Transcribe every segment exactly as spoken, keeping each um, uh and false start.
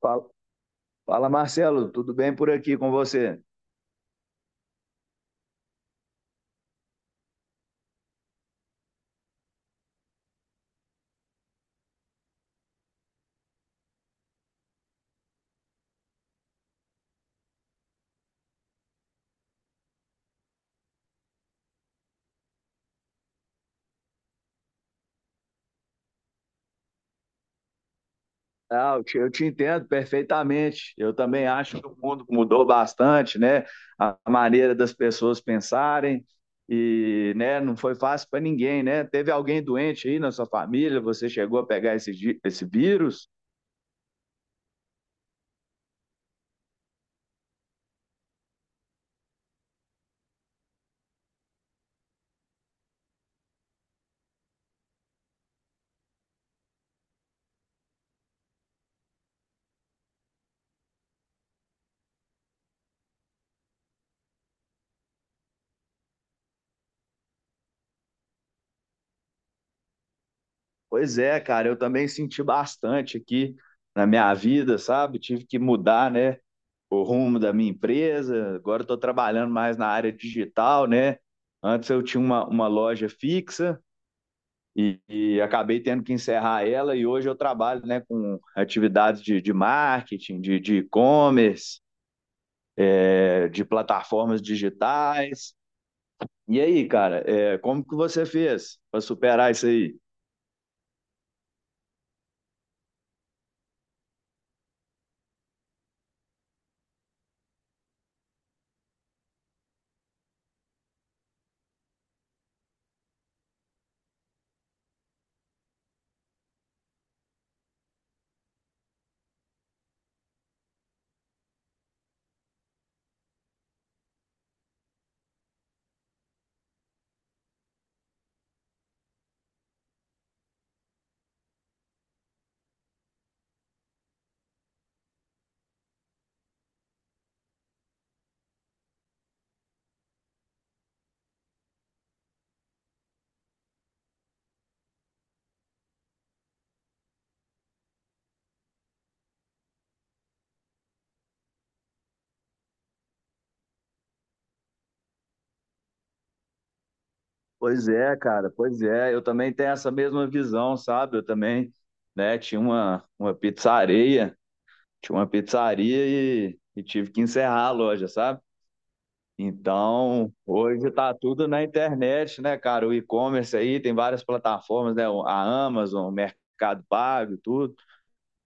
Fala, fala, Marcelo, tudo bem por aqui com você? Ah, eu te, eu te entendo perfeitamente. Eu também acho que o mundo mudou bastante, né? A maneira das pessoas pensarem e, né, não foi fácil para ninguém, né? Teve alguém doente aí na sua família? Você chegou a pegar esse, gi- esse vírus? Pois é, cara, eu também senti bastante aqui na minha vida, sabe? Tive que mudar, né? O rumo da minha empresa. Agora estou trabalhando mais na área digital, né? Antes eu tinha uma, uma loja fixa e, e acabei tendo que encerrar ela e hoje eu trabalho, né, com atividades de, de marketing, de de e-commerce, é, de plataformas digitais. E aí, cara, é, como que você fez para superar isso aí? Pois é, cara, pois é. Eu também tenho essa mesma visão, sabe? Eu também, né, tinha uma, uma pizzaria. Tinha uma pizzaria e, e tive que encerrar a loja, sabe? Então, hoje tá tudo na internet, né, cara? O e-commerce aí tem várias plataformas, né? A Amazon, o Mercado Pago, tudo,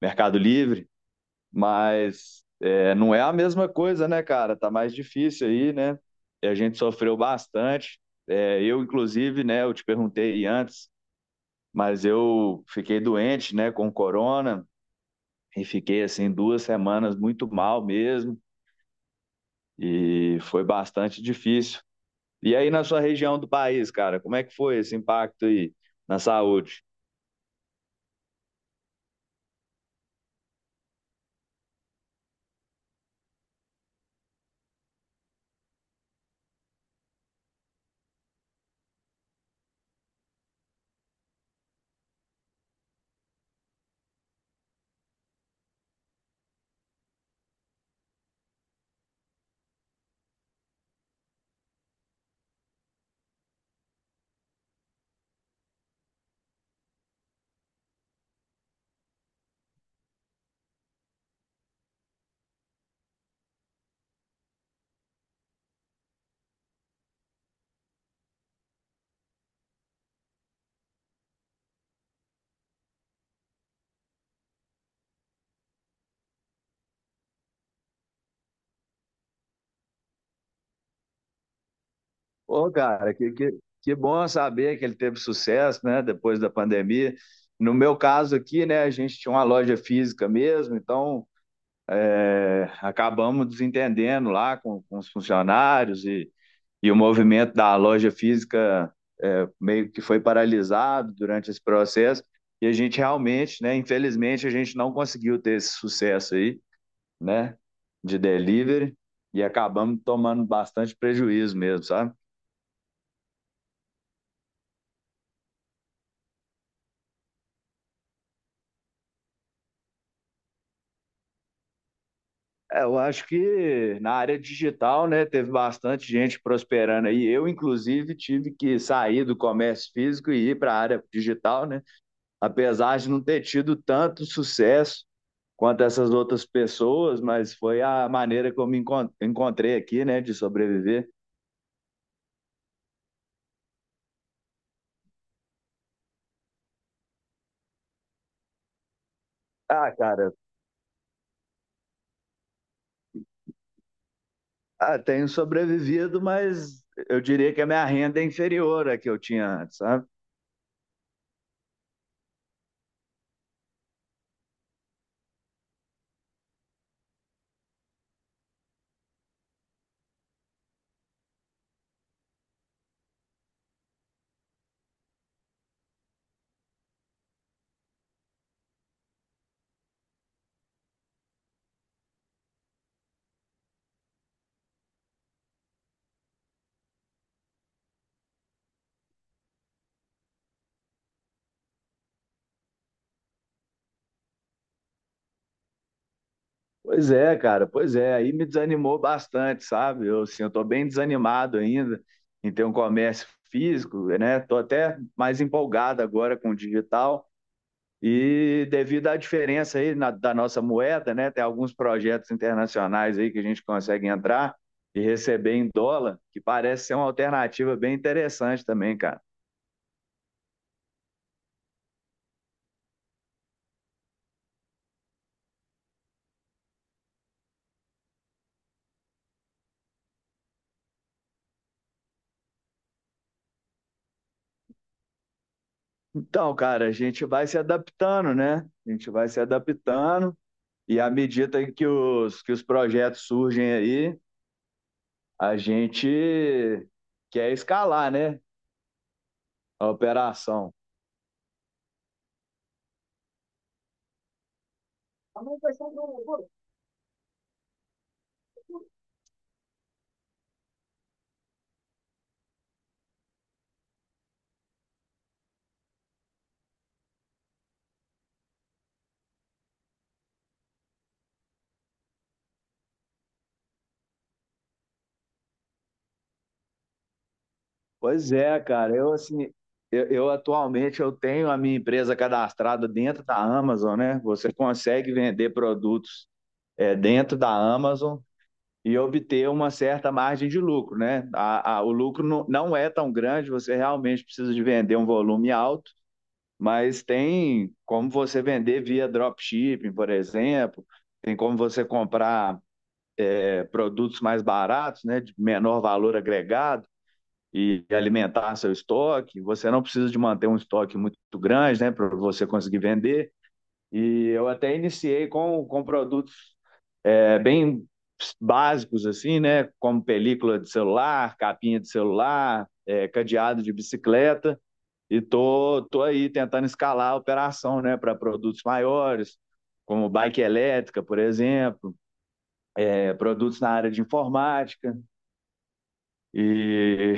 Mercado Livre, mas é, não é a mesma coisa, né, cara? Tá mais difícil aí, né? E a gente sofreu bastante. É, eu, inclusive, né, eu te perguntei antes, mas eu fiquei doente, né, com corona e fiquei assim duas semanas muito mal mesmo. E foi bastante difícil. E aí na sua região do país, cara, como é que foi esse impacto aí na saúde? Ô, cara, que, que, que bom saber que ele teve sucesso, né, depois da pandemia. No meu caso aqui, né, a gente tinha uma loja física mesmo, então, é, acabamos desentendendo lá com, com os funcionários e, e o movimento da loja física, é, meio que foi paralisado durante esse processo e a gente realmente, né, infelizmente, a gente não conseguiu ter esse sucesso aí, né, de delivery e acabamos tomando bastante prejuízo mesmo, sabe? É, eu acho que na área digital, né, teve bastante gente prosperando aí. Eu, inclusive, tive que sair do comércio físico e ir para a área digital, né? Apesar de não ter tido tanto sucesso quanto essas outras pessoas, mas foi a maneira que eu me encon- encontrei aqui, né, de sobreviver. Ah, cara, ah, tenho sobrevivido, mas eu diria que a minha renda é inferior à que eu tinha antes, sabe? Pois é, cara, pois é. Aí me desanimou bastante, sabe? Eu, assim, eu tô bem desanimado ainda em ter um comércio físico, né? Tô até mais empolgado agora com o digital e devido à diferença aí na- da nossa moeda, né? Tem alguns projetos internacionais aí que a gente consegue entrar e receber em dólar, que parece ser uma alternativa bem interessante também, cara. Então, cara, a gente vai se adaptando, né? A gente vai se adaptando. E à medida que os, que os projetos surgem aí, a gente quer escalar, né? A operação. Pois é, cara. Eu, assim, eu, eu atualmente eu tenho a minha empresa cadastrada dentro da Amazon, né? Você consegue vender produtos, é, dentro da Amazon e obter uma certa margem de lucro, né? A, a- o lucro não, não é tão grande, você realmente precisa de vender um volume alto, mas tem como você vender via dropshipping, por exemplo, tem como você comprar, é, produtos mais baratos, né, de menor valor agregado e alimentar seu estoque. Você não precisa de manter um estoque muito grande, né, para você conseguir vender. E eu até iniciei com, com produtos, é, bem básicos assim, né, como película de celular, capinha de celular, é, cadeado de bicicleta. E tô, tô aí tentando escalar a operação, né, para produtos maiores, como bike elétrica, por exemplo, é, produtos na área de informática. E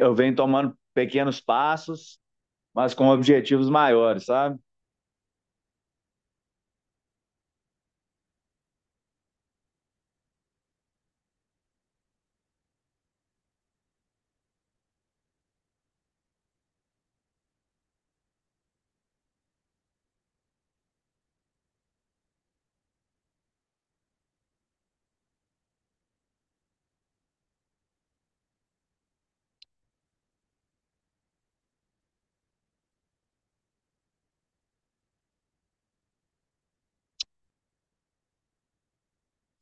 eu venho tomando pequenos passos, mas com objetivos maiores, sabe?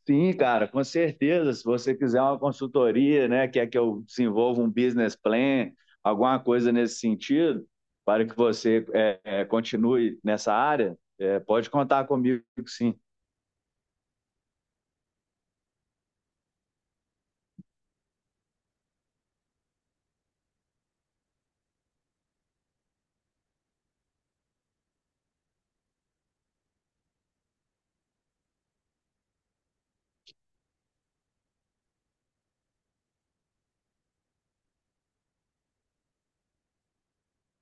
Sim, cara, com certeza. Se você quiser uma consultoria, né, quer que eu desenvolva um business plan, alguma coisa nesse sentido, para que você é, é, continue nessa área, é, pode contar comigo, sim.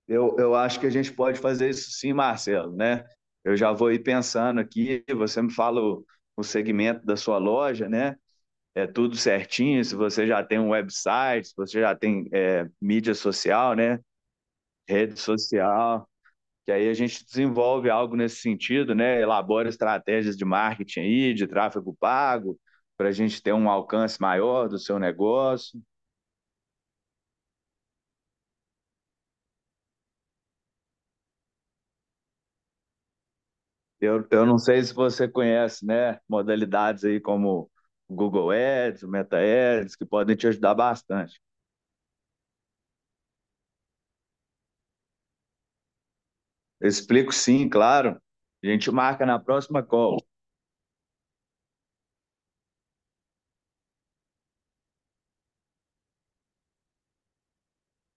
Eu, eu acho que a gente pode fazer isso, sim, Marcelo, né? Eu já vou ir pensando aqui, você me fala o, o segmento da sua loja, né? É tudo certinho, se você já tem um website, se você já tem, é, mídia social, né? Rede social. Que aí a gente desenvolve algo nesse sentido, né? Elabora estratégias de marketing aí, de tráfego pago, para a gente ter um alcance maior do seu negócio. Eu, eu não sei se você conhece, né? Modalidades aí como o Google Ads, o Meta Ads, que podem te ajudar bastante. Eu explico, sim, claro. A gente marca na próxima call.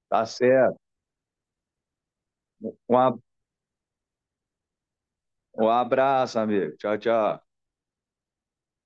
Tá certo. Um, Um abraço, amigo. Tchau, tchau.